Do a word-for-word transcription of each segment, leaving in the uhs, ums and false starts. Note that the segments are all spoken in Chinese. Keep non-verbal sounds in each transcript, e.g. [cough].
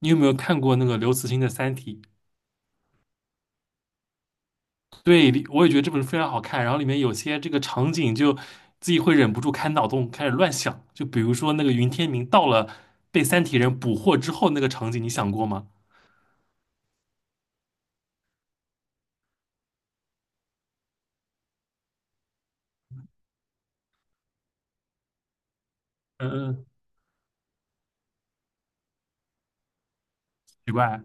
你有没有看过那个刘慈欣的《三体》？对，里我也觉得这本书非常好看。然后里面有些这个场景，就自己会忍不住开脑洞，开始乱想。就比如说那个云天明到了被三体人捕获之后那个场景，你想过吗？嗯嗯，奇怪。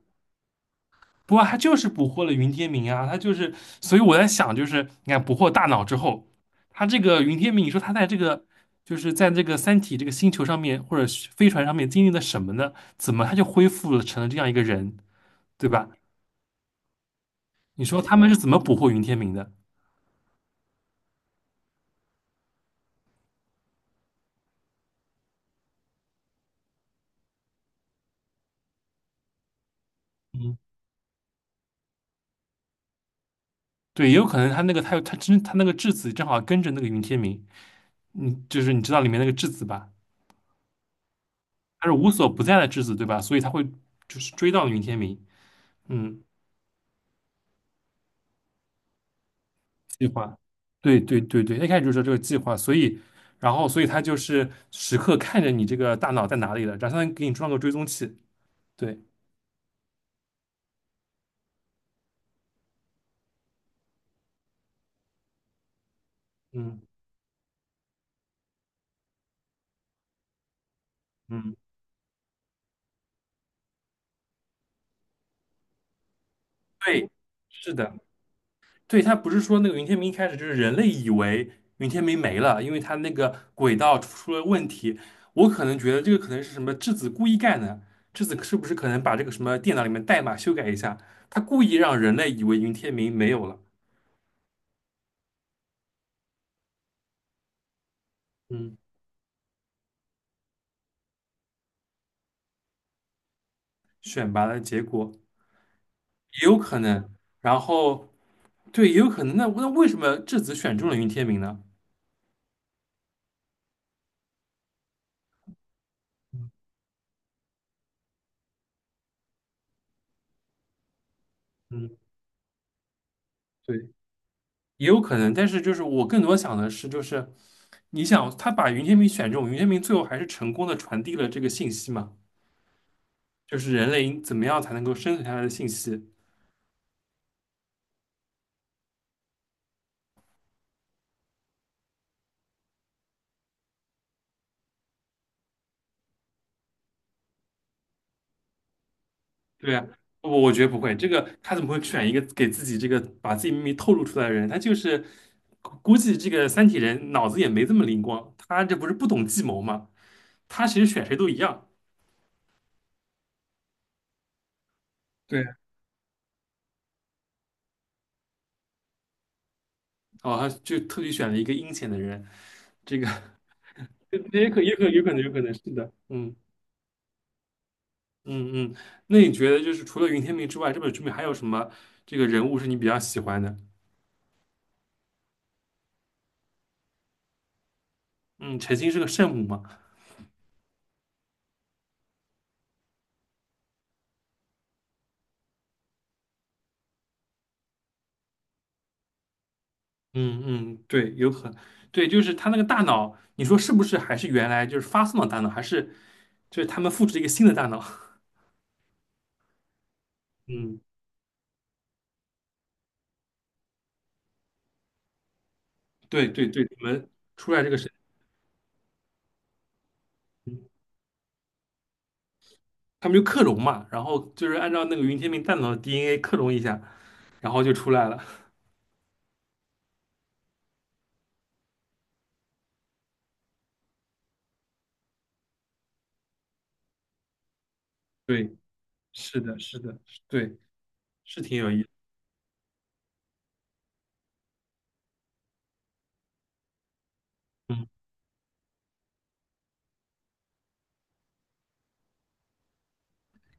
不过他就是捕获了云天明啊，他就是，所以我在想，就是你看捕获大脑之后，他这个云天明，你说他在这个就是在这个三体这个星球上面或者是飞船上面经历了什么呢？怎么他就恢复了成了这样一个人，对吧？你说他们是怎么捕获云天明的？嗯，对，也有可能他那个他有他真他那个质子正好跟着那个云天明，嗯，就是你知道里面那个质子吧？他是无所不在的质子，对吧？所以他会就是追到云天明。嗯，计划，对对对对，一开始就说这个计划，所以然后所以他就是时刻看着你这个大脑在哪里了，然后相当于给你装个追踪器。对，嗯嗯，对，是的。对，他不是说那个云天明一开始就是人类以为云天明没了，因为他那个轨道出了问题。我可能觉得这个可能是什么质子故意干的，质子是不是可能把这个什么电脑里面代码修改一下，他故意让人类以为云天明没有了。嗯，选拔的结果也有可能。然后对，也有可能。那那为什么质子选中了云天明呢？嗯，对。也有可能，但是就是我更多想的是，就是你想他把云天明选中，云天明最后还是成功的传递了这个信息嘛，就是人类应怎么样才能够生存下来的信息。对啊，我我觉得不会，这个他怎么会选一个给自己这个把自己秘密透露出来的人？他就是估估计这个三体人脑子也没这么灵光，他这不是不懂计谋嘛？他其实选谁都一样。对，哦，他就特地选了一个阴险的人，这个 [laughs] 也可也可有可能有可能是的，嗯。嗯嗯，那你觉得就是除了云天明之外，这本书里面还有什么这个人物是你比较喜欢的？嗯，陈星是个圣母嘛？嗯嗯，对，有可能对，就是他那个大脑，你说是不是还是原来就是发送的大脑，还是就是他们复制了一个新的大脑？[laughs] 嗯，对对对，你们出来这个神，他们就克隆嘛，然后就是按照那个云天明大脑的 D N A 克隆一下，然后就出来了。[laughs] 对，是的，是的，对，是挺有意思。嗯。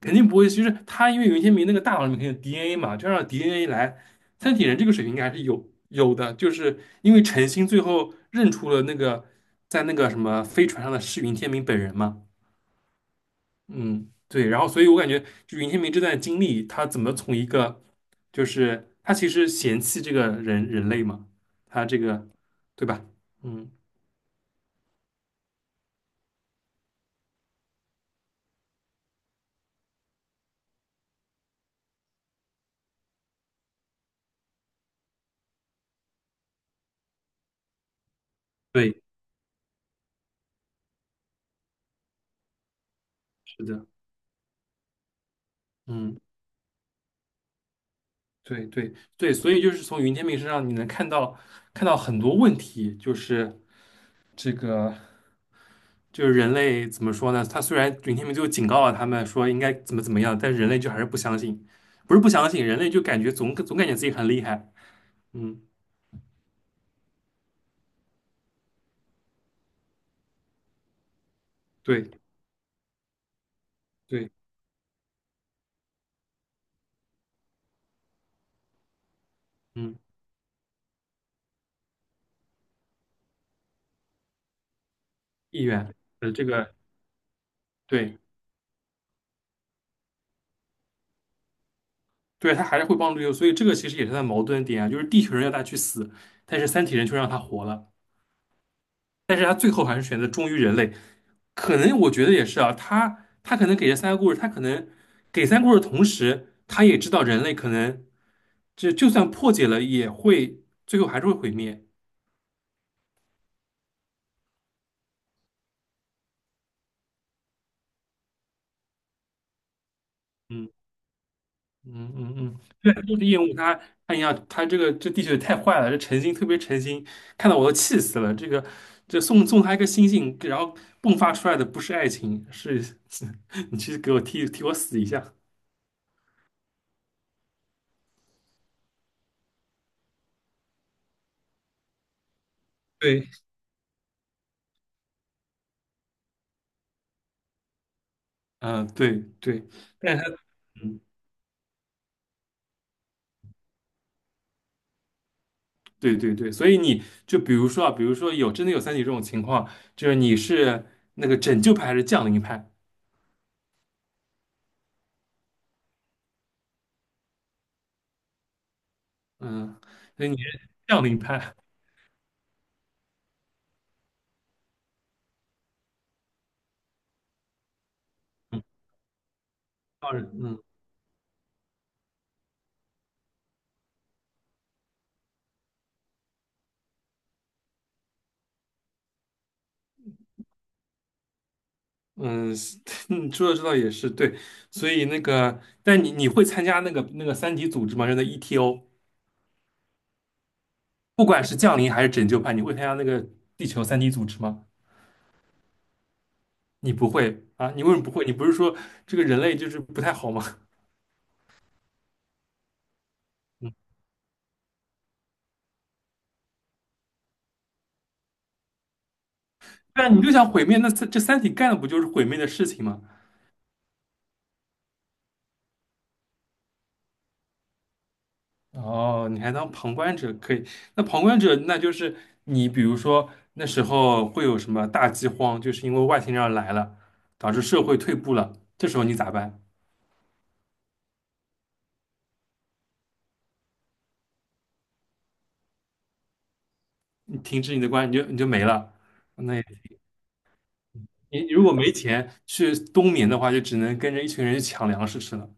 肯定不会，就是他因为云天明那个大脑里面肯定有 D N A 嘛，就让 D N A 来，三体人这个水平应该还是有有的，就是因为陈星最后认出了那个在那个什么飞船上的是云天明本人嘛，嗯，对，然后所以我感觉就云天明这段经历，他怎么从一个就是他其实嫌弃这个人人类嘛，他这个对吧？嗯，对，是的，嗯，对对对，所以就是从云天明身上你能看到看到很多问题，就是这个就是人类怎么说呢？他虽然云天明就警告了他们说应该怎么怎么样，但是人类就还是不相信，不是不相信，人类就感觉总总感觉自己很厉害。嗯对对，嗯，意愿，呃，这个对对，他还是会帮助地球，所以这个其实也是他的矛盾点啊，就是地球人要他去死，但是三体人却让他活了，但是他最后还是选择忠于人类，可能我觉得也是啊，他他可能给这三个故事，他可能给三个故事的同时，他也知道人类可能就就算破解了，也会最后还是会毁灭。嗯嗯嗯嗯，对，就是厌恶他，他一样，他这个这地球也太坏了，这诚心特别诚心，看到我都气死了。这个这送送他一个星星，然后迸发出来的不是爱情，是 [laughs] 你去给我替替我死一下。对，嗯、对对，但是他。对对对，所以你就比如说啊，比如说有真的有三体这种情况，就是你是那个拯救派还是降临派？嗯，所以你是降临派，嗯，当然嗯嗯，是 [laughs] 嗯说的这倒也是对，所以那个，但你你会参加那个那个三体组织吗？就那 E T O，不管是降临还是拯救派，你会参加那个地球三体组织吗？你不会啊？你为什么不会？你不是说这个人类就是不太好吗？[laughs] 对啊，你就想毁灭，那这这三体干的不就是毁灭的事情吗？哦，你还当旁观者可以？那旁观者，那就是你，比如说那时候会有什么大饥荒，就是因为外星人来了，导致社会退步了，这时候你咋办？你停止你的关，你就你就没了。那也你你如果没钱去冬眠的话，就只能跟着一群人去抢粮食吃了。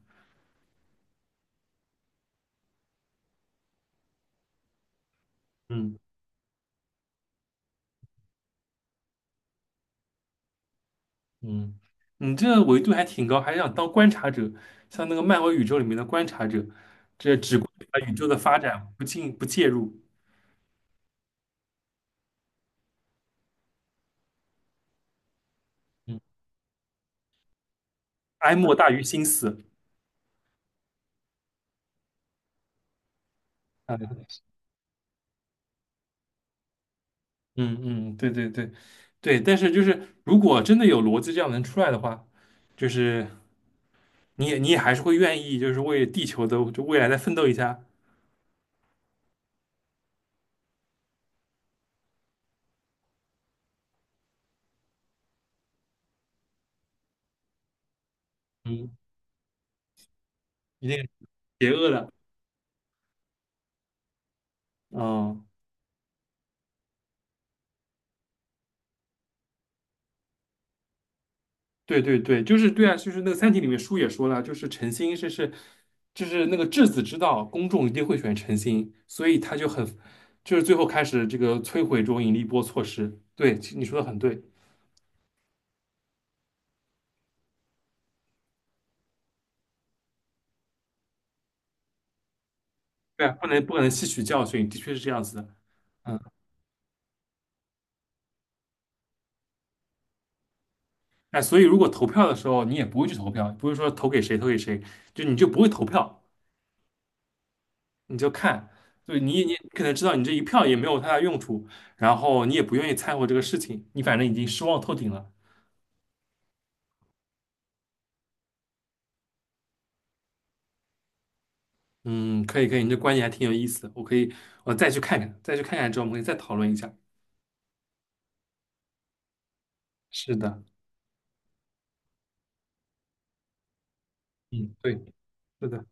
嗯嗯，你这个维度还挺高，还想当观察者，像那个漫威宇宙里面的观察者，这只把宇宙的发展不进不介入，嗯，哀莫大于心死。啊。嗯嗯，对对对，对，但是就是如果真的有逻辑这样能出来的话，就是你也你也还是会愿意，就是为地球的就未来再奋斗一下，嗯，一定是邪恶的，嗯，对对对，就是对啊，就是那个《三体》里面书也说了，就是诚心是是就是那个质子之道，公众一定会选诚心，所以他就很就是最后开始这个摧毁这种引力波措施，对，其实你说的很对，对啊，不能不可能吸取教训，的确是这样子的。嗯。哎，所以如果投票的时候你也不会去投票，不会说投给谁投给谁，就你就不会投票，你就看，就你你可能知道你这一票也没有太大用处，然后你也不愿意掺和这个事情，你反正已经失望透顶了。嗯，可以可以，你这观点还挺有意思的，我可以我再去看看，再去看看之后我们可以再讨论一下。是的，嗯，对，是的。